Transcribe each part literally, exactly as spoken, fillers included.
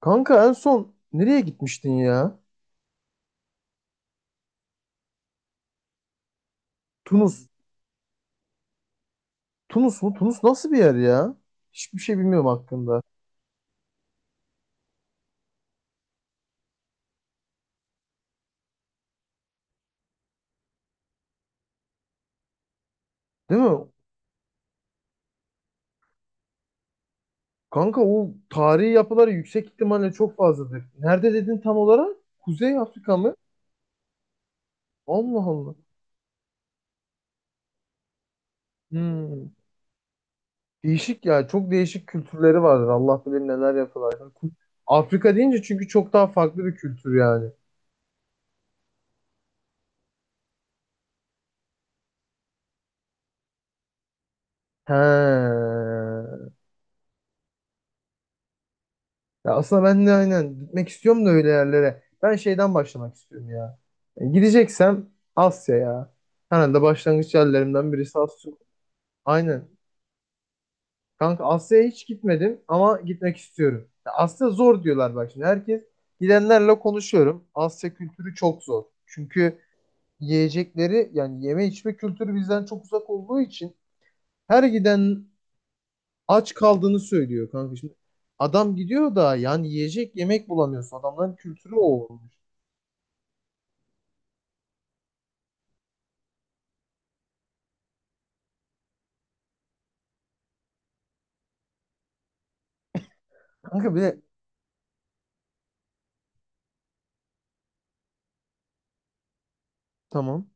Kanka en son nereye gitmiştin ya? Tunus. Tunus mu? Tunus nasıl bir yer ya? Hiçbir şey bilmiyorum hakkında. Değil mi? Kanka o tarihi yapıları yüksek ihtimalle çok fazladır. Nerede dedin tam olarak? Kuzey Afrika mı? Allah Allah. Hmm. Değişik ya. Çok değişik kültürleri vardır. Allah bilir neler yapılar. Afrika deyince çünkü çok daha farklı bir kültür yani. He. Ya aslında ben de aynen gitmek istiyorum da öyle yerlere. Ben şeyden başlamak istiyorum ya. E, gideceksem Asya ya. Herhalde başlangıç yerlerimden birisi Asya. Aynen. Kanka Asya'ya hiç gitmedim ama gitmek istiyorum. Ya Asya zor diyorlar bak şimdi. Herkes gidenlerle konuşuyorum. Asya kültürü çok zor. Çünkü yiyecekleri yani yeme içme kültürü bizden çok uzak olduğu için her giden aç kaldığını söylüyor kanka. Şimdi adam gidiyor da yani yiyecek yemek bulamıyorsun. Adamların kültürü o. olmuş. Kanka bir de tamam.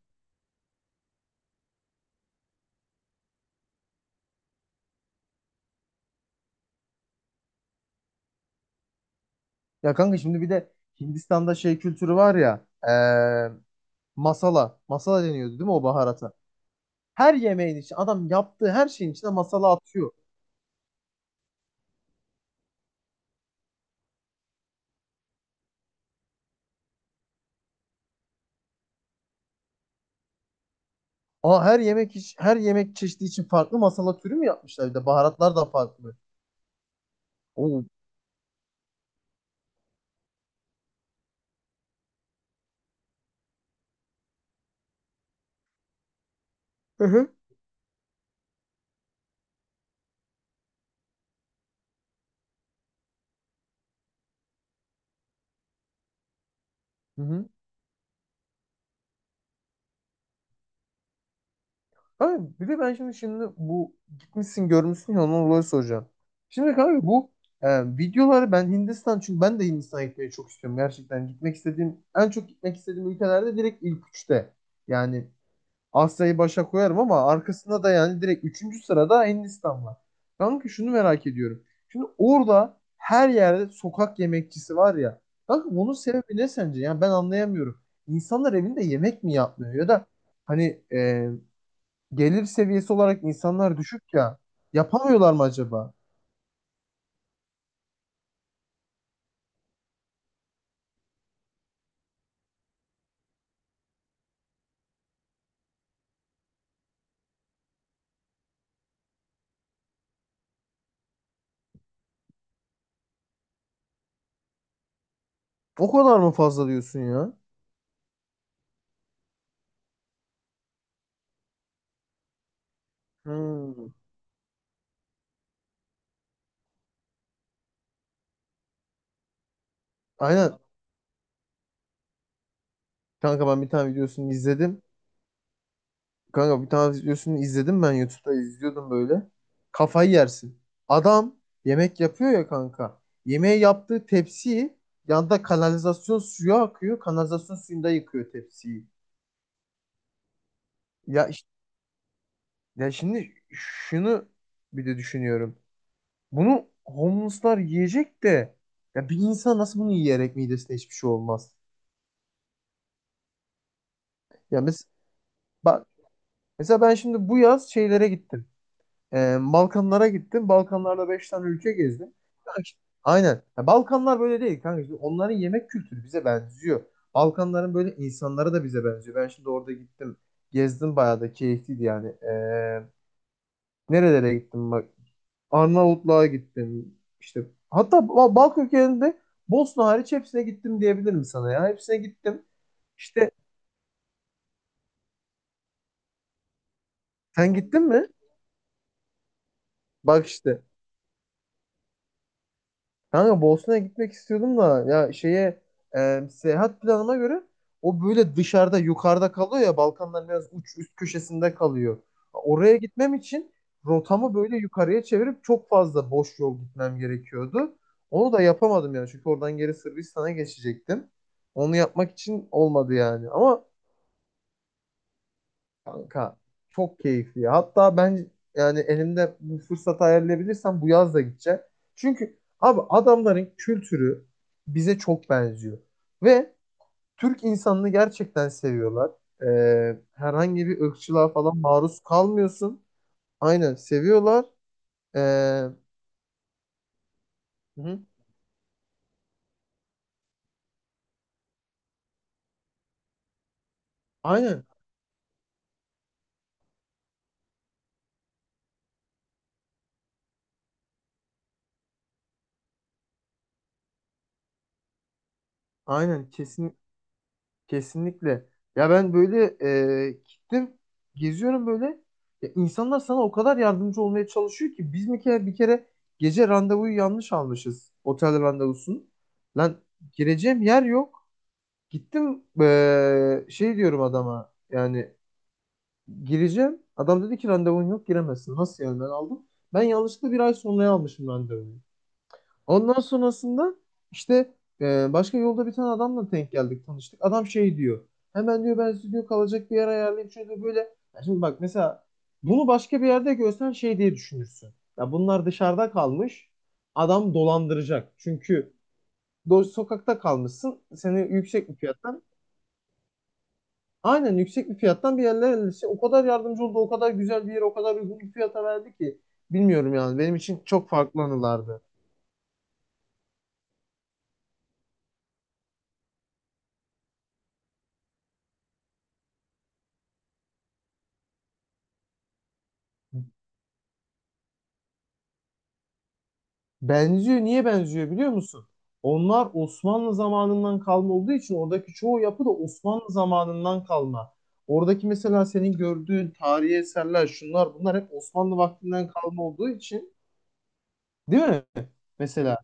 Ya kanka şimdi bir de Hindistan'da şey kültürü var ya eee, masala. Masala deniyordu değil mi o baharata? Her yemeğin için adam yaptığı her şeyin içine masala atıyor. Aa her yemek iç, her yemek çeşidi için farklı masala türü mü yapmışlar bir de baharatlar da farklı. Oo. Hı hı. Hı hı. Abi bir de ben şimdi şimdi bu gitmişsin görmüşsün ya ondan dolayı soracağım. Şimdi abi bu e, videoları ben Hindistan çünkü ben de Hindistan'a gitmeyi çok istiyorum gerçekten. Gitmek istediğim en çok gitmek istediğim ülkelerde direkt ilk üçte. Yani Asya'yı başa koyarım ama arkasında da yani direkt üçüncü sırada Hindistan var. Kanka şunu merak ediyorum. Şimdi orada her yerde sokak yemekçisi var ya. Kanka bunun sebebi ne sence? Yani ben anlayamıyorum. İnsanlar evinde yemek mi yapmıyor ya da hani e, gelir seviyesi olarak insanlar düşük ya. Yapamıyorlar mı acaba? O kadar mı fazla diyorsun ya? Hmm. Aynen. Kanka ben bir tane videosunu izledim. Kanka bir tane videosunu izledim, ben YouTube'da izliyordum böyle. Kafayı yersin. Adam yemek yapıyor ya kanka. Yemeği yaptığı tepsiyi, yanda kanalizasyon suyu akıyor. Kanalizasyon suyunda yıkıyor tepsiyi. Ya, iş- ya şimdi şunu bir de düşünüyorum. Bunu homeless'lar yiyecek de ya bir insan nasıl bunu yiyerek midesine hiçbir şey olmaz. Ya mes Bak mesela ben şimdi bu yaz şeylere gittim. Ee, Balkanlara gittim. Balkanlarda beş tane ülke gezdim. Ya işte- Aynen. Ya Balkanlar böyle değil kanka. Şimdi onların yemek kültürü bize benziyor. Balkanların böyle insanları da bize benziyor. Ben şimdi orada gittim. Gezdim, bayağı da keyifliydi yani. Ee, Nerelere gittim bak. Arnavutluğa gittim. İşte hatta Ba- Balkan ülkelerinde Bosna hariç hepsine gittim diyebilirim sana ya. Hepsine gittim. İşte sen gittin mi? Bak işte. Kanka Bosna'ya gitmek istiyordum da ya şeye e, seyahat planıma göre o böyle dışarıda yukarıda kalıyor ya, Balkanlar biraz uç üst köşesinde kalıyor. Oraya gitmem için rotamı böyle yukarıya çevirip çok fazla boş yol gitmem gerekiyordu. Onu da yapamadım yani, çünkü oradan geri Sırbistan'a geçecektim. Onu yapmak için olmadı yani ama kanka çok keyifli ya. Hatta ben yani elimde bu fırsatı ayarlayabilirsem bu yaz da gideceğim. Çünkü abi adamların kültürü bize çok benziyor. Ve Türk insanını gerçekten seviyorlar. Ee, herhangi bir ırkçılığa falan maruz kalmıyorsun. Aynen seviyorlar. Ee, hı. Aynen. Aynen. Kesinlikle. Ya ben böyle e, gittim, geziyorum böyle. Ya insanlar sana o kadar yardımcı olmaya çalışıyor ki, biz bir kere, bir kere gece randevuyu yanlış almışız. Otel randevusunu. Lan gireceğim yer yok. Gittim, e, şey diyorum adama yani gireceğim. Adam dedi ki randevun yok, giremezsin. Nasıl yani, ben aldım. Ben yanlışlıkla bir ay sonraya almışım randevuyu. Ondan sonrasında işte e, başka yolda bir tane adamla denk geldik, tanıştık. Adam şey diyor. Hemen diyor ben size diyor kalacak bir yer ayarlayayım. Çünkü böyle, ya şimdi bak, mesela bunu başka bir yerde görsen şey diye düşünürsün. Ya bunlar dışarıda kalmış. Adam dolandıracak. Çünkü do sokakta kalmışsın. Seni yüksek bir fiyattan, aynen yüksek bir fiyattan bir yerlere, işte o kadar yardımcı oldu, o kadar güzel bir yer, o kadar uygun bir fiyata verdi ki, bilmiyorum yani benim için çok farklı anılardı. Benziyor. Niye benziyor biliyor musun? Onlar Osmanlı zamanından kalma olduğu için oradaki çoğu yapı da Osmanlı zamanından kalma. Oradaki mesela senin gördüğün tarihi eserler, şunlar bunlar hep Osmanlı vaktinden kalma olduğu için, değil mi? Mesela.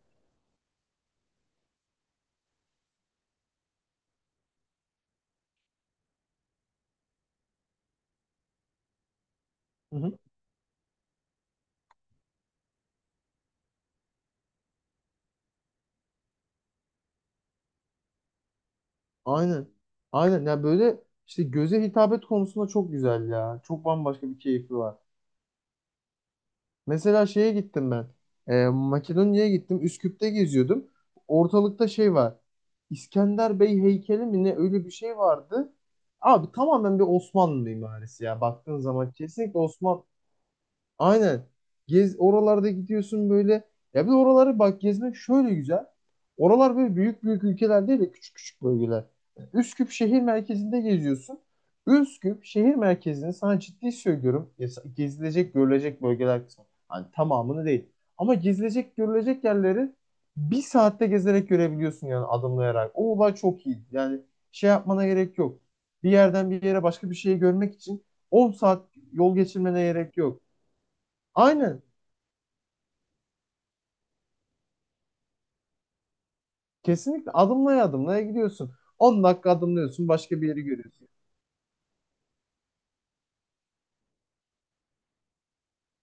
Hı hı. Aynen. Aynen. Ya böyle işte göze hitabet konusunda çok güzel ya. Çok bambaşka bir keyfi var. Mesela şeye gittim ben. Ee, Makedonya'ya gittim. Üsküp'te geziyordum. Ortalıkta şey var. İskender Bey heykeli mi ne, öyle bir şey vardı. Abi tamamen bir Osmanlı mimarisi ya. Baktığın zaman kesinlikle Osman Aynen. Gez oralarda gidiyorsun böyle. Ya bir de oraları bak, gezmek şöyle güzel. Oralar böyle büyük büyük ülkeler değil de küçük küçük bölgeler. Üsküp şehir merkezinde geziyorsun. Üsküp şehir merkezini sana ciddi söylüyorum. ya sa- Gezilecek, görülecek bölgeler kısmı. Hani tamamını değil. Ama gezilecek, görülecek yerleri bir saatte gezerek görebiliyorsun yani, adımlayarak. O olay çok iyi. Yani şey yapmana gerek yok. Bir yerden bir yere başka bir şeyi görmek için on saat yol geçirmene gerek yok. Aynen. Kesinlikle adımlaya adımlaya gidiyorsun. On dakika adımlıyorsun, başka bir yeri görüyorsun.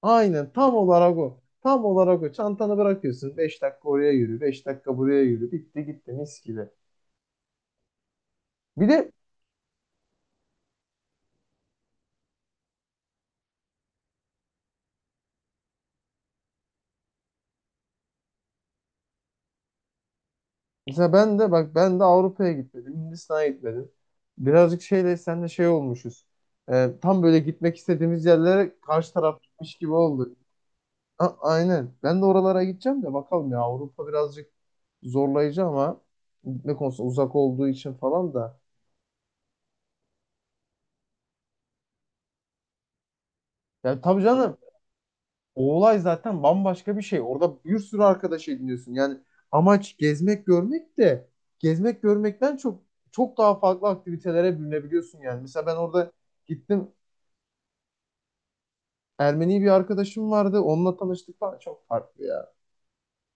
Aynen, tam olarak o. Tam olarak o. Çantanı bırakıyorsun. Beş dakika oraya yürü, beş dakika buraya yürü. Bitti gitti, mis gibi. Bir de mesela ben de bak, ben de Avrupa'ya gitmedim, Hindistan'a gitmedim. Birazcık şeyle, senle şey olmuşuz. Ee, tam böyle gitmek istediğimiz yerlere karşı taraf gitmiş gibi oldu. A- aynen. Ben de oralara gideceğim de bakalım, ya Avrupa birazcık zorlayıcı ama, gitme konusunda uzak olduğu için falan da. Yani tabii canım, o olay zaten bambaşka bir şey. Orada bir sürü arkadaş ediniyorsun. Yani amaç gezmek görmek de, gezmek görmekten çok çok daha farklı aktivitelere bürünebiliyorsun yani. Mesela ben orada gittim, Ermeni bir arkadaşım vardı. Onunla tanıştık falan, çok farklı ya.